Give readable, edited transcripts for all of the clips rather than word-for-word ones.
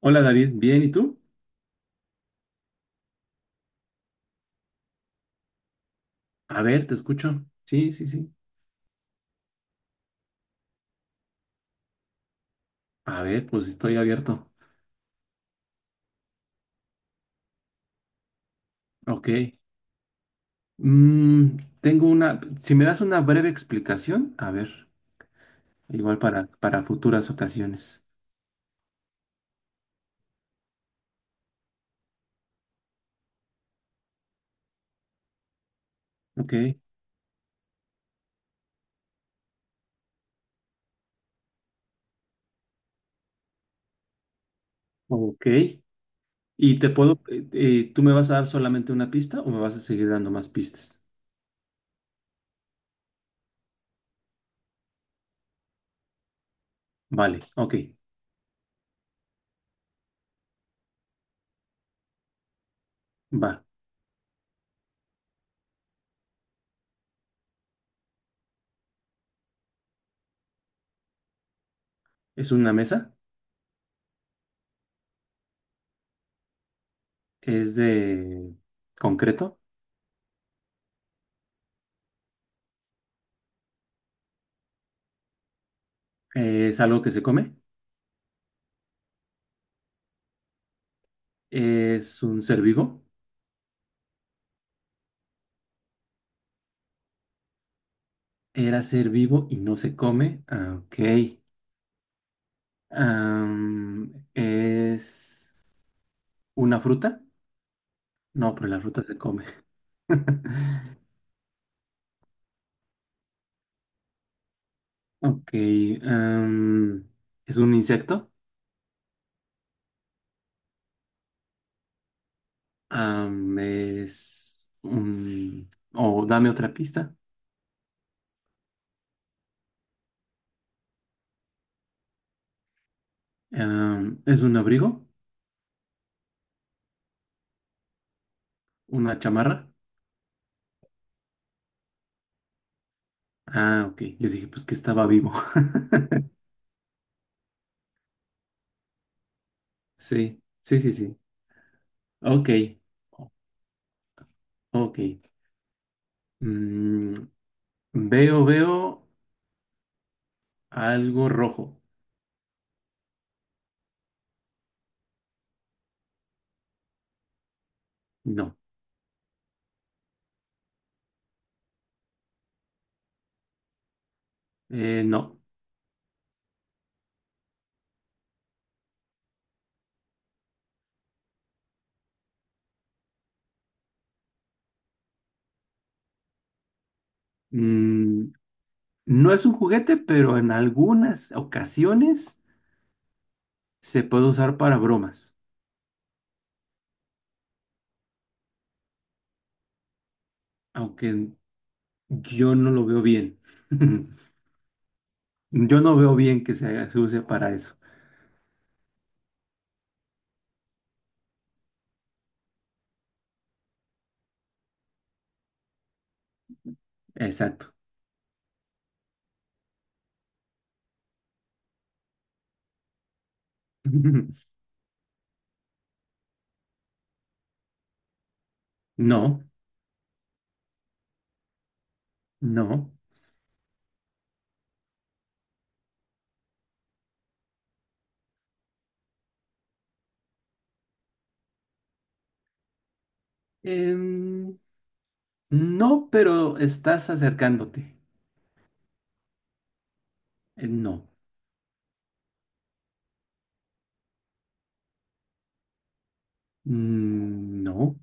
Hola David, bien, ¿y tú? A ver, te escucho. Sí, sí, sí. A ver, pues estoy abierto. Ok. Mm, Tengo una, si me das una breve explicación, a ver, igual para futuras ocasiones. Ok, ok. ¿Y te puedo, tú me vas a dar solamente una pista o me vas a seguir dando más pistas? Vale, ok, va. Es una mesa, es de concreto, es algo que se come, es un ser vivo. Era ser vivo y no se come. Ah, ok. ¿Es una fruta? No, pero la fruta se come. Ok. am, ¿Es un insecto? Es un. O dame otra pista. ¿Es un abrigo? ¿Una chamarra? Ah, ok. Yo dije, pues que estaba vivo. Sí, sí, sí, sí. Ok. Ok. Mm, Veo, veo. Algo rojo. No, no. Mm, no es un juguete, pero en algunas ocasiones se puede usar para bromas, aunque yo no lo veo bien. Yo no veo bien que se use para eso. Exacto. No, no. Em, no, pero estás acercándote. No, no.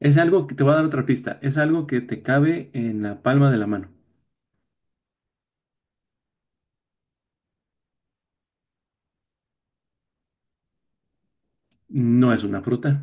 Es algo que te voy a dar otra pista. Es algo que te cabe en la palma de la mano. No es una fruta.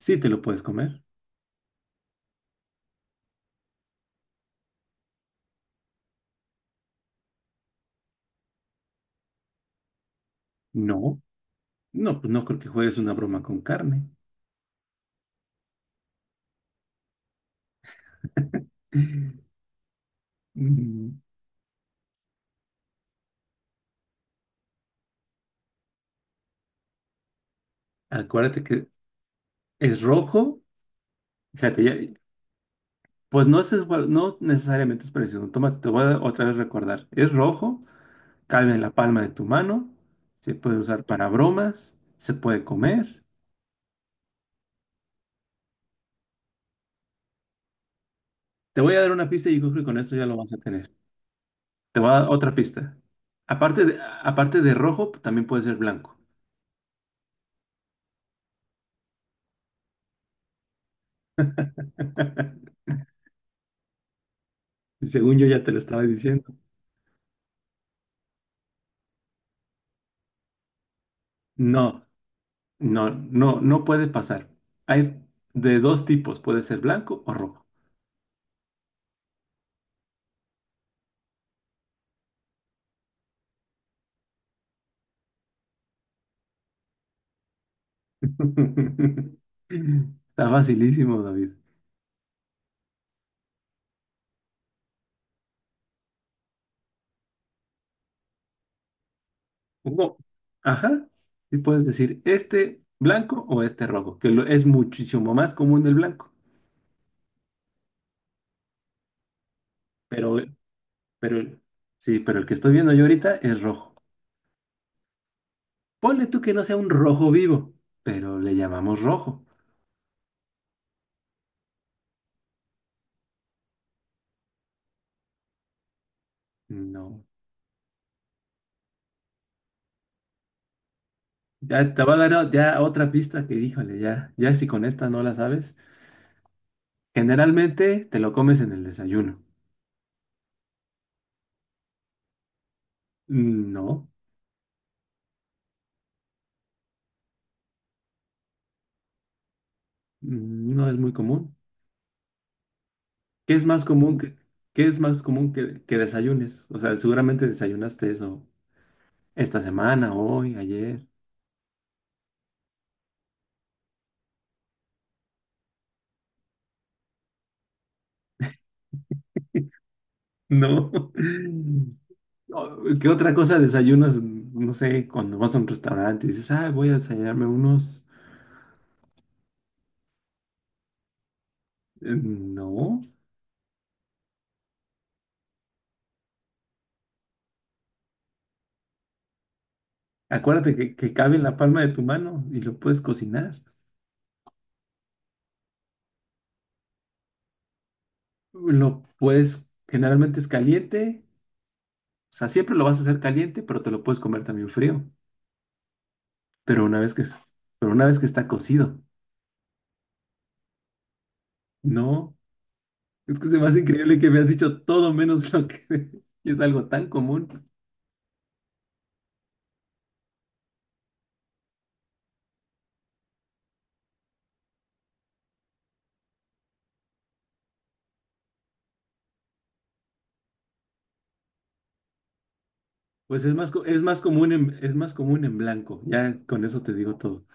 Sí, te lo puedes comer. No, no, pues no creo que juegues una broma con carne. Mm, Acuérdate que es rojo. Fíjate, ya, pues no es, no necesariamente es parecido. Toma, te voy a otra vez recordar. Es rojo, cabe en la palma de tu mano. Se puede usar para bromas. Se puede comer. Te voy a dar una pista y yo creo que con esto ya lo vas a tener. Te voy a dar otra pista. Aparte de rojo, también puede ser blanco. Según yo ya te lo estaba diciendo. No. No, no, no puede pasar. Hay de dos tipos, puede ser blanco o rojo. Está facilísimo, David. Uno, ajá, y puedes decir este blanco o este rojo, que es muchísimo más común el blanco, pero, pero, sí, pero el que estoy viendo yo ahorita es rojo. Ponle tú que no sea un rojo vivo, pero le llamamos rojo. No, ya te va a dar ya otra pista que, híjole, ya si con esta no la sabes. Generalmente te lo comes en el desayuno. Mm, no, no es muy común. ¿Qué es más común que, qué es más común que desayunes? O sea, seguramente desayunaste eso esta semana, hoy, ayer. No. Oh, ¿qué otra cosa desayunas? No sé, cuando vas a un restaurante y dices, ah, voy a desayunarme unos. No. Acuérdate que cabe en la palma de tu mano y lo puedes cocinar. Lo puedes, generalmente es caliente. O sea, siempre lo vas a hacer caliente, pero te lo puedes comer también frío. Pero una vez que, pero una vez que está cocido, no. Es que es más increíble que me has dicho todo menos lo que y es algo tan común. Pues es más común en blanco. Ya con eso te digo todo.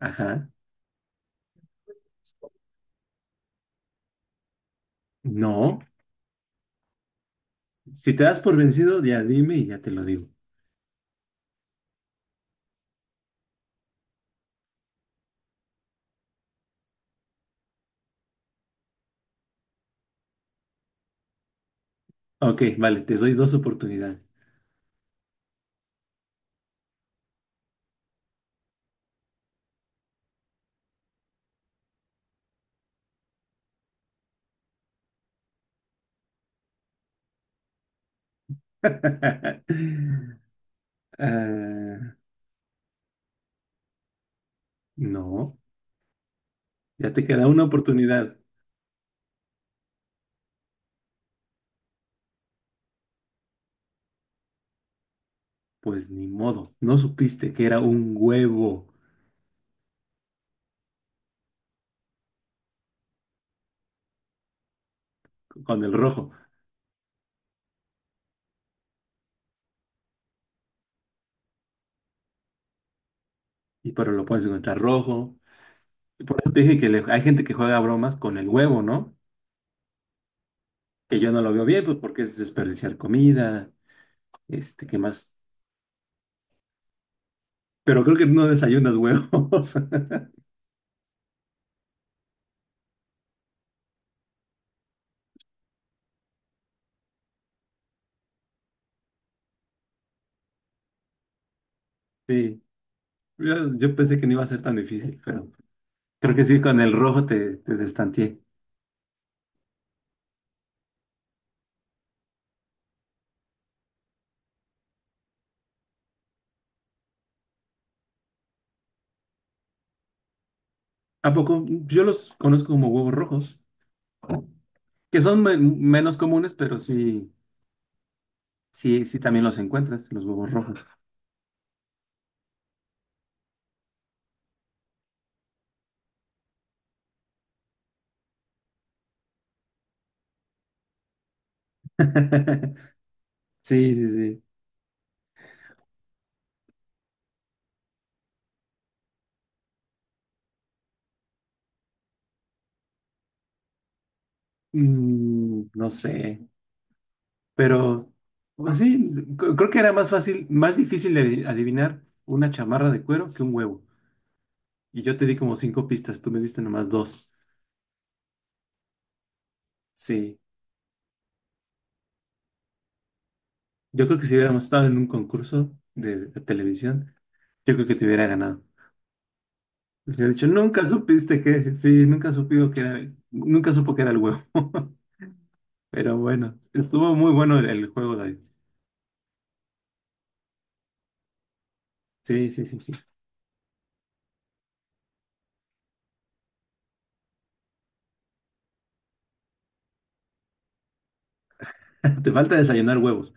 Ajá. No. Si te das por vencido, ya dime y ya te lo digo. Ok, vale, te doy dos oportunidades. Ah, no, ya te queda una oportunidad. Pues ni modo, no supiste que era un huevo con el rojo, y pero lo puedes encontrar rojo. Y por eso te dije que hay gente que juega bromas con el huevo, ¿no? Que yo no lo veo bien, pues porque es desperdiciar comida, este, ¿qué más? Pero creo que no desayunas huevos. Sí, yo pensé que no iba a ser tan difícil, pero creo que sí, con el rojo te destanteé. ¿A poco? Yo los conozco como huevos rojos, que son menos comunes, pero sí, sí, sí también los encuentras, los huevos rojos. Sí, sí, sí. No sé, pero así, creo que era más fácil, más difícil de adivinar una chamarra de cuero que un huevo. Y yo te di como cinco pistas, tú me diste nomás dos. Sí, yo creo que si hubiéramos estado en un concurso de televisión, yo creo que te hubiera ganado. Le hubiera dicho, nunca supiste que, sí, nunca supió que era, nunca supo que era el huevo. Pero bueno, estuvo muy bueno el juego, David. Sí, sí, sí, sí. Te falta desayunar huevos.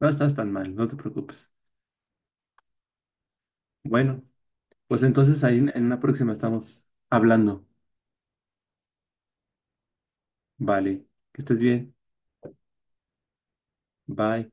No estás tan mal, no te preocupes. Bueno, pues entonces ahí en una próxima estamos hablando. Vale, que estés bien. Bye.